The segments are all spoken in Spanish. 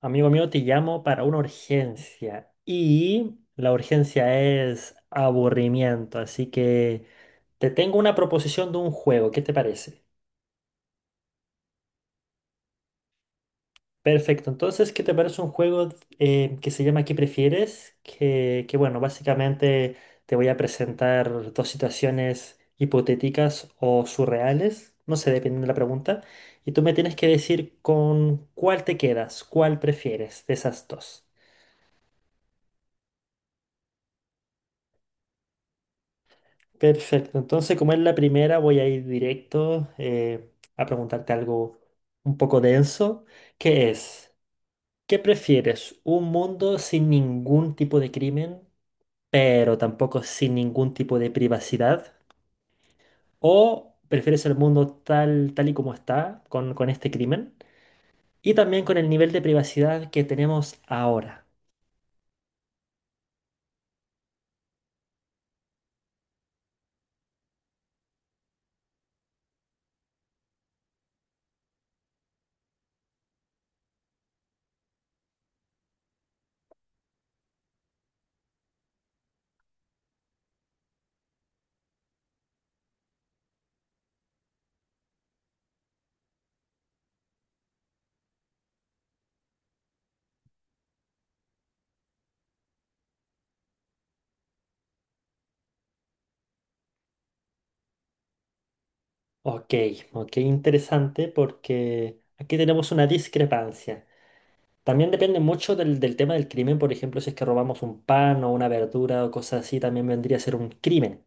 Amigo mío, te llamo para una urgencia y la urgencia es aburrimiento, así que te tengo una proposición de un juego, ¿qué te parece? Perfecto, entonces, ¿qué te parece un juego que se llama ¿Qué prefieres? Que bueno, básicamente te voy a presentar dos situaciones hipotéticas o surreales, no sé, dependiendo de la pregunta, y tú me tienes que decir con cuál te quedas, cuál prefieres de esas dos. Perfecto, entonces como es la primera voy a ir directo a preguntarte algo un poco denso, que es, ¿qué prefieres? ¿Un mundo sin ningún tipo de crimen, pero tampoco sin ningún tipo de privacidad? ¿O prefieres el mundo tal y como está con este crimen? Y también con el nivel de privacidad que tenemos ahora. Ok, ok, interesante porque aquí tenemos una discrepancia. También depende mucho del tema del crimen, por ejemplo, si es que robamos un pan o una verdura o cosas así, también vendría a ser un crimen.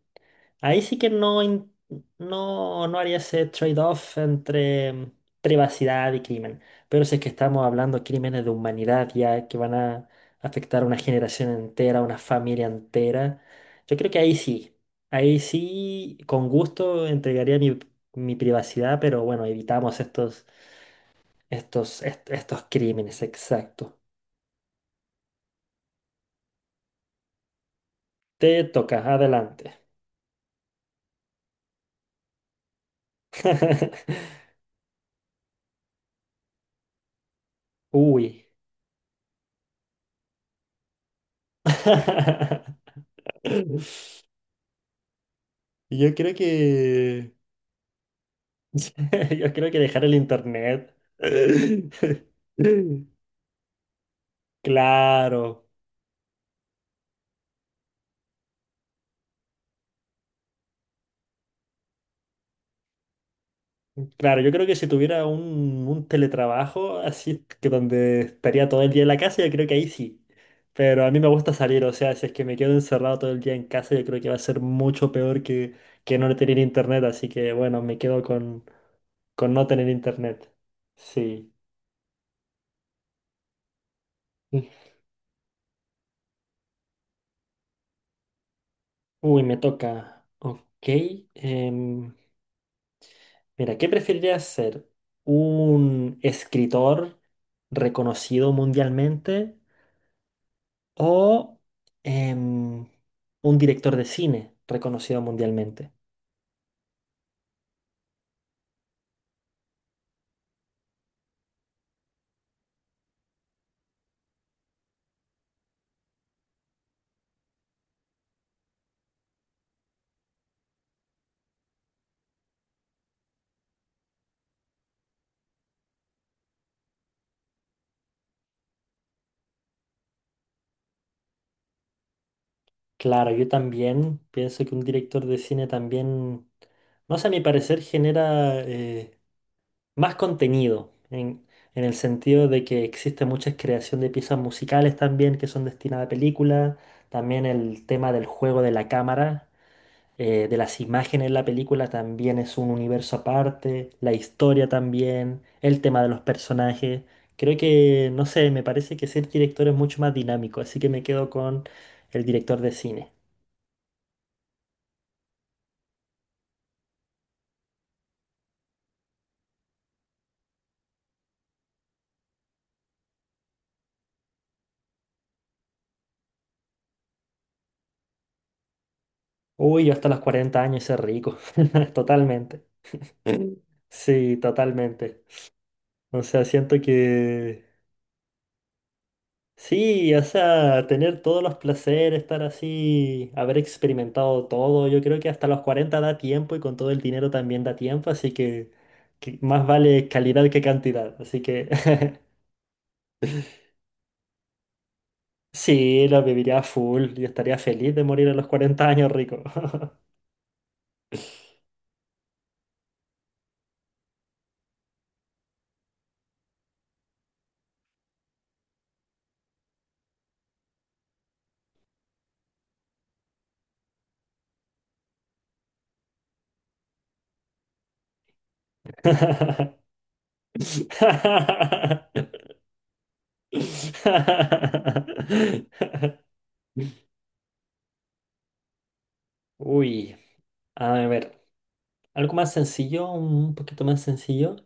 Ahí sí que no, no haría ese trade-off entre privacidad y crimen. Pero si es que estamos hablando de crímenes de humanidad ya que van a afectar a una generación entera, a una familia entera, yo creo que ahí sí, con gusto entregaría mi, mi privacidad, pero bueno, evitamos estos, estos crímenes, exacto. Te toca, adelante. Uy. Yo creo que... Yo creo que dejar el internet. Claro, claro, yo creo que si tuviera un teletrabajo así, que donde estaría todo el día en la casa, yo creo que ahí sí. Pero a mí me gusta salir, o sea, si es que me quedo encerrado todo el día en casa, yo creo que va a ser mucho peor que no tener internet, así que bueno, me quedo con no tener internet. Sí. Mm. Uy, me toca. Ok. em, mira, ¿qué preferirías ser? ¿Un escritor reconocido mundialmente o em, un director de cine reconocido mundialmente? Claro, yo también pienso que un director de cine también, no sé, a mi parecer genera... más contenido, en el sentido de que existe mucha creación de piezas musicales también que son destinadas a películas, también el tema del juego de la cámara, de las imágenes en la película también es un universo aparte, la historia también, el tema de los personajes. Creo que, no sé, me parece que ser director es mucho más dinámico, así que me quedo con el director de cine. Uy, yo hasta los 40 años ser rico, totalmente. Sí, totalmente. O sea, siento que sí, o sea, tener todos los placeres, estar así, haber experimentado todo, yo creo que hasta los 40 da tiempo y con todo el dinero también da tiempo, así que más vale calidad que cantidad. Así que sí, lo viviría a full y estaría feliz de morir a los 40 años rico. Uy, a ver, algo más sencillo, un poquito más sencillo.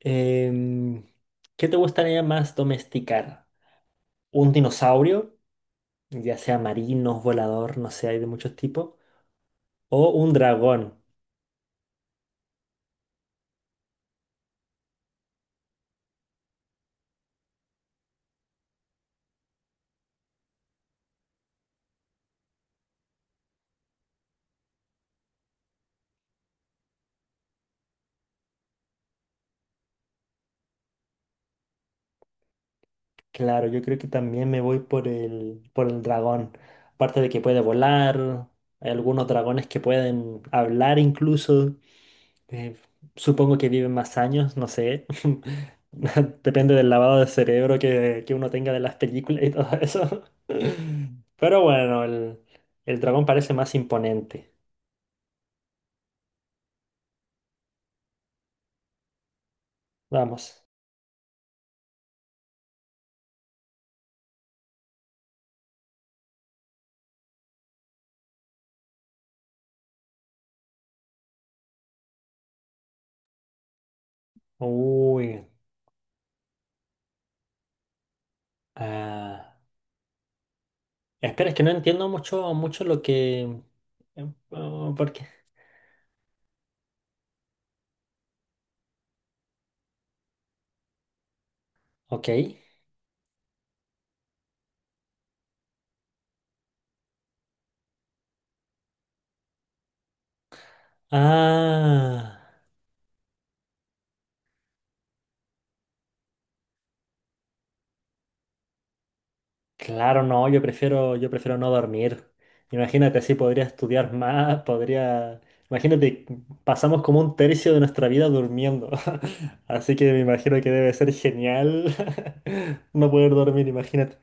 Em, ¿Qué te gustaría más domesticar? ¿Un dinosaurio, ya sea marino, volador, no sé, hay de muchos tipos? ¿O un dragón? Claro, yo creo que también me voy por el dragón. Aparte de que puede volar, hay algunos dragones que pueden hablar incluso. Eh, supongo que viven más años, no sé. Depende del lavado de cerebro que uno tenga de las películas y todo eso. Pero bueno, el dragón parece más imponente. Vamos. Uy. ah, Espera, es que no entiendo mucho lo que... oh, ¿Por qué? Ok. Ah. Claro, no, yo prefiero no dormir. Imagínate, así podría estudiar más, podría... Imagínate, pasamos como un tercio de nuestra vida durmiendo. Así que me imagino que debe ser genial no poder dormir, imagínate.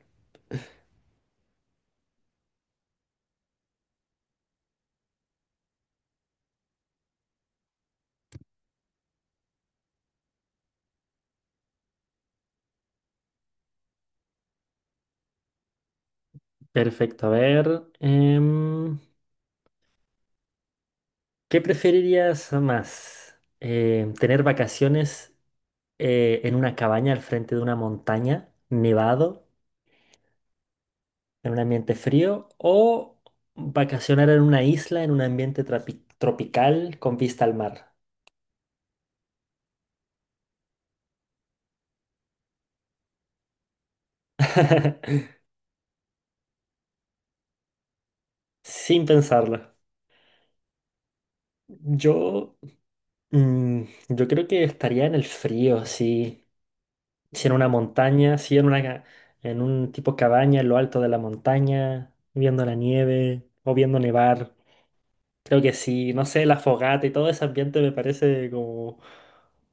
Perfecto, a ver. ¿Qué preferirías más? Em, ¿tener vacaciones en una cabaña al frente de una montaña, nevado? ¿En un ambiente frío o vacacionar en una isla en un ambiente tropical con vista al mar? Sin pensarlo. Yo, mm, yo creo que estaría en el frío, sí. Si en una montaña, si en una, en un tipo cabaña en lo alto de la montaña, viendo la nieve o viendo nevar. Creo que sí, no sé, la fogata y todo ese ambiente me parece como...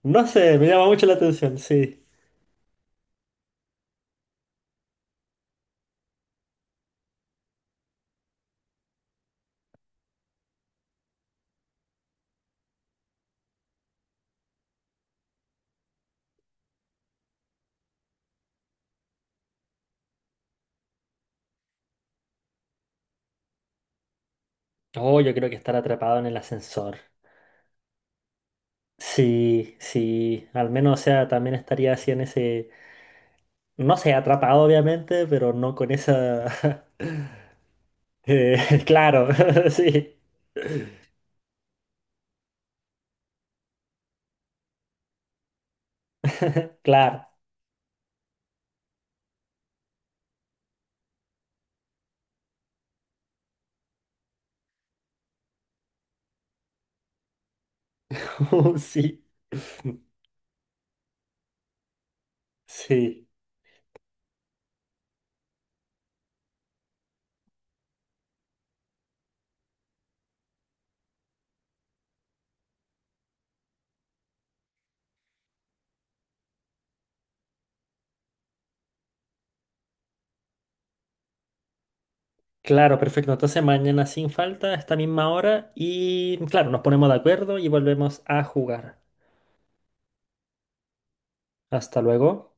No sé, me llama mucho la atención, sí. Oh, yo creo que estar atrapado en el ascensor. Sí, sí, al menos, o sea, también estaría así en ese, no sé, atrapado obviamente, pero no con esa... eh, claro, sí, claro, sí, sí, claro, perfecto. Entonces mañana sin falta, a esta misma hora, y claro, nos ponemos de acuerdo y volvemos a jugar. Hasta luego.